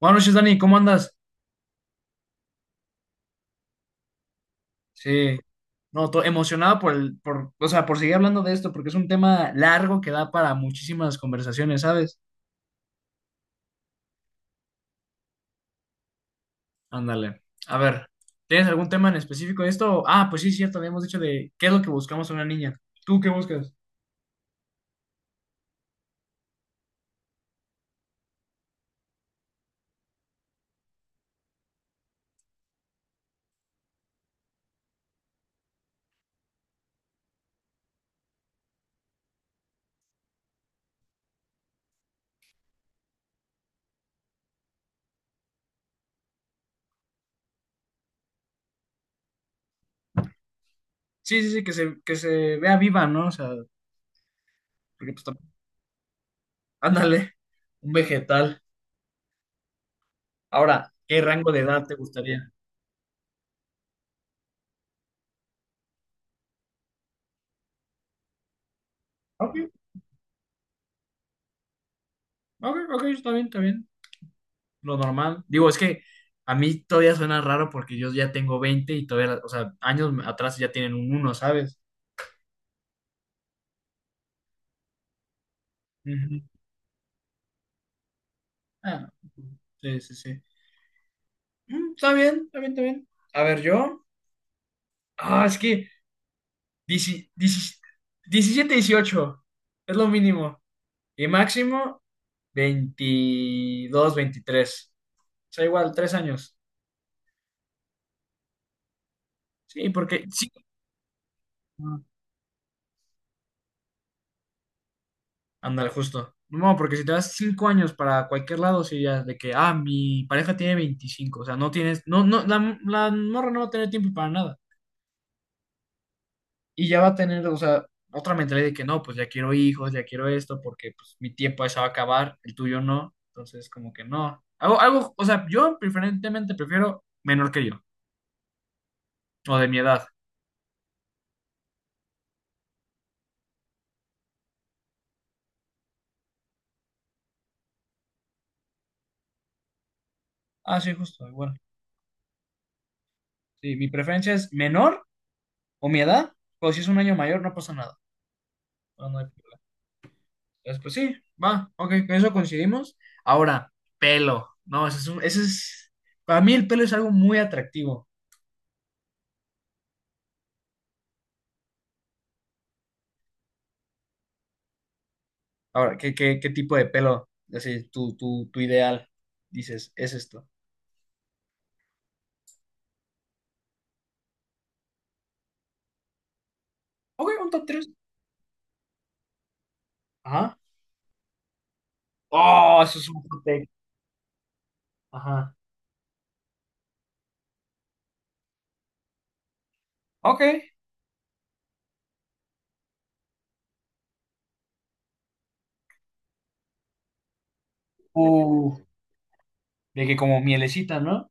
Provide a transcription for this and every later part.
Buenas noches, Dani, ¿cómo andas? Sí, no, emocionado o sea, por seguir hablando de esto, porque es un tema largo que da para muchísimas conversaciones, ¿sabes? Ándale. A ver, ¿tienes algún tema en específico de esto? Ah, pues sí, cierto, habíamos dicho de qué es lo que buscamos en una niña. ¿Tú qué buscas? Sí, sí, sí, que se vea viva, ¿no? O sea, porque pues, ándale, un vegetal. Ahora, ¿qué rango de edad te gustaría? Ok, ok, ok, está bien, está bien. Lo normal. Digo, es que a mí todavía suena raro porque yo ya tengo 20 y todavía, o sea, años atrás ya tienen un uno, ¿sabes? Ujú. Ah, sí, sí, sí. Mm, está bien, está bien, está bien. A ver, yo. Ah, es que 17, 17 18 es lo mínimo. Y máximo 22, veintitrés. O sea, igual, 3 años. Sí, porque sí. Ándale, justo. No, porque si te das 5 años para cualquier lado, sí, ya, de que, ah, mi pareja tiene 25, o sea, no tienes, no, no, la morra no va a tener tiempo para nada. Y ya va a tener, o sea, otra mentalidad de que no, pues ya quiero hijos, ya quiero esto, porque pues mi tiempo ya se va a acabar, el tuyo no. Entonces, como que no. Algo, algo, o sea, yo preferentemente prefiero menor que yo, o de mi edad. Ah, sí, justo, igual. Sí, mi preferencia es menor o mi edad, o si es un año mayor, no pasa nada. No, no hay. Entonces, pues sí, va, ok, con eso coincidimos. Ahora, pelo. No, ese es un- ese es, para mí el pelo es algo muy atractivo. Ahora, ¿qué tipo de pelo? Así, tu ideal, dices, es esto. Ok, un top tres. Ajá. Oh, eso es un hot take. Ajá. Ok. Uh, de que como mielecita, ¿no?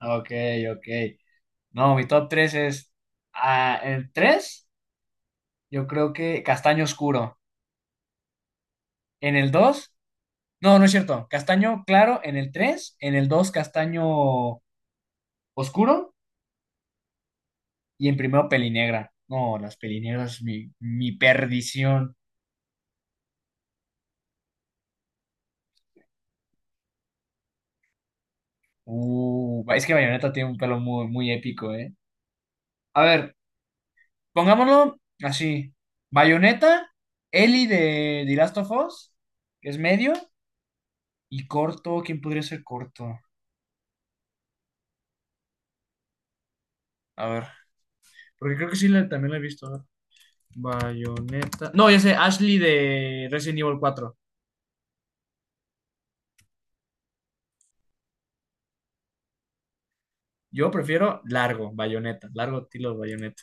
Ok, ok. No, mi top 3 es, en el 3, yo creo que castaño oscuro. En el dos. No, no es cierto. Castaño claro en el 3, en el 2, castaño oscuro y en primero pelinegra. No, las pelinegras, mi perdición. Es que Bayonetta tiene un pelo muy, muy épico, ¿eh? A ver, pongámoslo así. Bayonetta, Ellie de The Last of Us, que es medio, y corto, ¿quién podría ser corto? A ver, porque creo que sí también la he visto. A ver. Bayonetta. No, ya sé, Ashley de Resident Evil 4. Yo prefiero largo, bayoneta, largo tiro de bayoneta.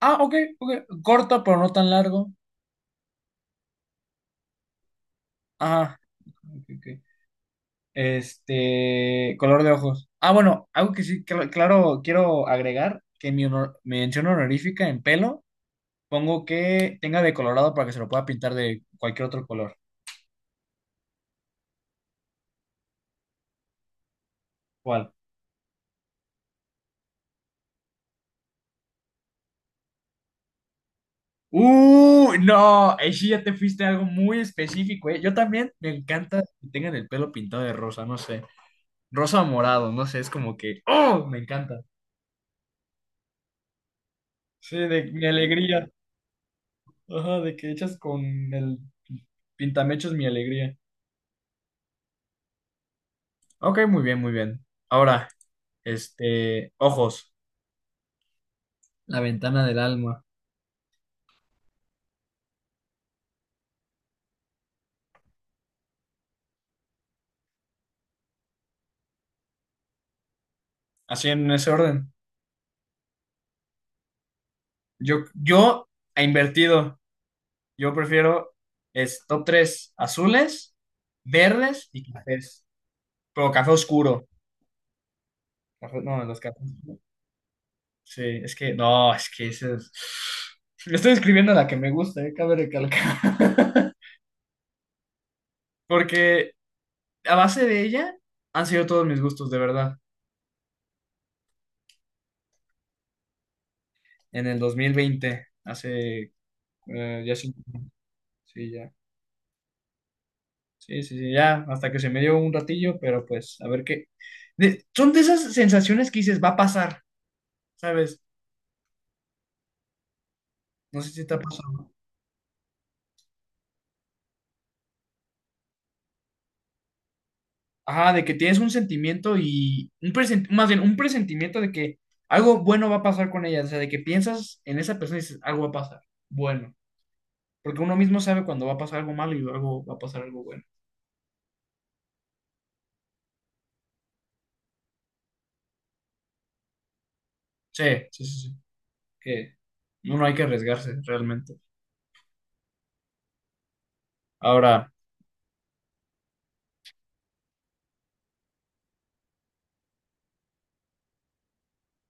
Ah, ok, ok. Corto, pero no tan largo. Ajá. Ok, ok. Color de ojos. Ah, bueno, algo que sí, claro, quiero agregar, que mi mención honorífica en pelo, pongo que tenga de colorado para que se lo pueda pintar de cualquier otro color. ¿Cuál? No, ahí sí ya te fuiste a algo muy específico, ¿eh? Yo también me encanta que tengan el pelo pintado de rosa, no sé. Rosa o morado, no sé, es como que, ¡oh! Me encanta. Sí, de mi alegría. Ajá, de que echas con el pintamechos mi alegría. Ok, muy bien, muy bien. Ahora, ojos. La ventana del alma. Así en ese orden. Yo he invertido. Yo prefiero es top 3 azules, verdes y cafés. Pero café oscuro. No, los cafés. Sí, es que no, es que ese es. Le estoy escribiendo la que me gusta, cabe recalcar. Porque a base de ella han sido todos mis gustos, de verdad. En el 2020 hace ya sí, ya. Sí, sí, sí, ya, hasta que se me dio un ratillo, pero pues, a ver qué. Son de esas sensaciones que dices, va a pasar, ¿sabes? No sé si te ha pasado. Ajá, de que tienes un sentimiento y más bien un presentimiento de que algo bueno va a pasar con ella, o sea, de que piensas en esa persona y dices, algo va a pasar, bueno, porque uno mismo sabe cuando va a pasar algo malo y algo va a pasar algo bueno. Sí, sí, sí, sí. Que no, no hay que arriesgarse realmente. Ahora,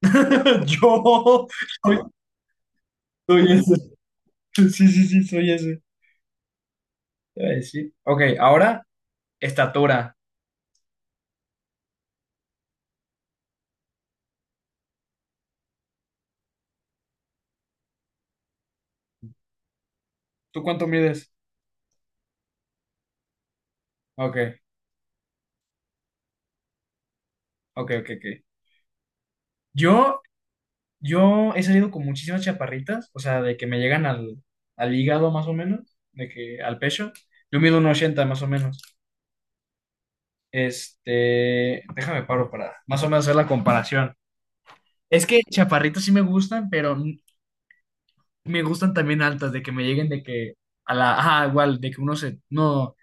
yo soy, soy ese. Sí, sí, sí, soy ese. Ay, sí. Ok, ahora, estatura. ¿Tú cuánto mides? Ok, ok, ok, ok. Yo, yo he salido con muchísimas chaparritas, o sea, de que me llegan al, hígado más o menos, de que al pecho. Yo mido un 80 más o menos. Déjame paro para más o menos hacer la comparación. Es que chaparritas sí me gustan, pero me gustan también altas, de que me lleguen de que a la, ajá, igual, de que uno se, no,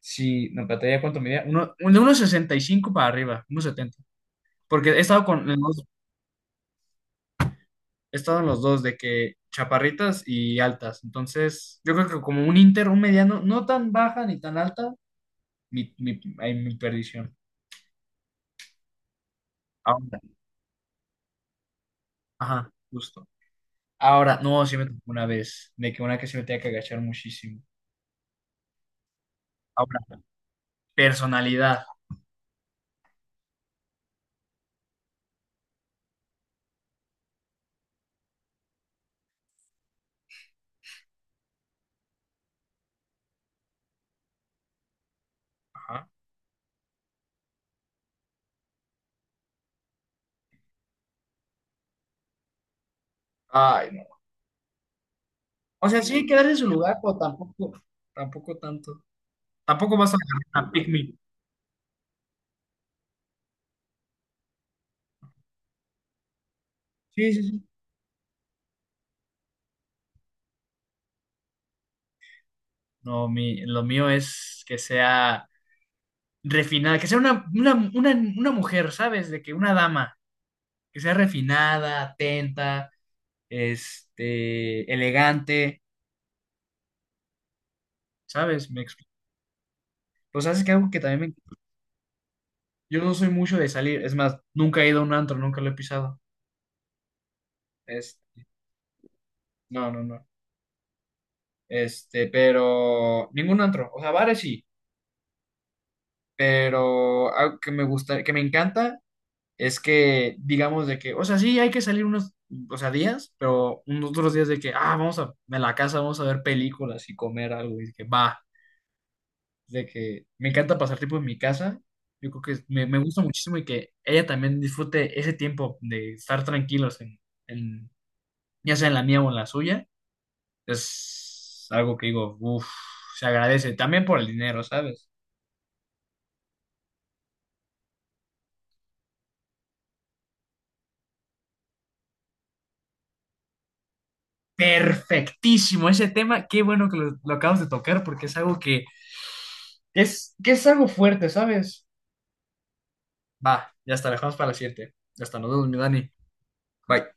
si, no, pantalla cuánto medía, uno, de unos 65 para arriba, unos 70 porque he estado con en los he estado en los dos, de que chaparritas y altas, entonces, yo creo que como un inter, un mediano, no tan baja ni tan alta, ay, mi perdición. Ahora, ajá, justo. Ahora, no, sí me tocó una vez, de que una que se me tenía que agachar muchísimo. Ahora, personalidad. Ajá. Ay, o sea, sí, quedarse en su lugar, pero tampoco, tampoco tanto. Tampoco vas a agarrar a pick me. Sí, sí, sí. No, lo mío es que sea refinada, que sea una mujer, ¿sabes? De que una dama, que sea refinada, atenta, elegante, ¿sabes? Me explico. Pues sabes que algo que también me. Yo no soy mucho de salir, es más, nunca he ido a un antro, nunca lo he pisado. Es, no, no, no. Pero ningún antro, o sea, bares sí. Pero algo que me gusta, que me encanta es que, digamos, de que, o sea, sí hay que salir unos, o sea, días, pero unos otros días de que, ah, vamos a la casa, vamos a ver películas y comer algo, y de que va, de que me encanta pasar tiempo en mi casa. Yo creo que me gusta muchísimo y que ella también disfrute ese tiempo de estar tranquilos en, en, ya sea en la mía o en la suya. Es algo que digo, uff, se agradece también por el dinero, ¿sabes? Perfectísimo ese tema. Qué bueno que lo acabas de tocar porque es algo que es algo fuerte, ¿sabes? Va, ya está, dejamos para la siguiente. Ya está, nos vemos, mi Dani. Bye.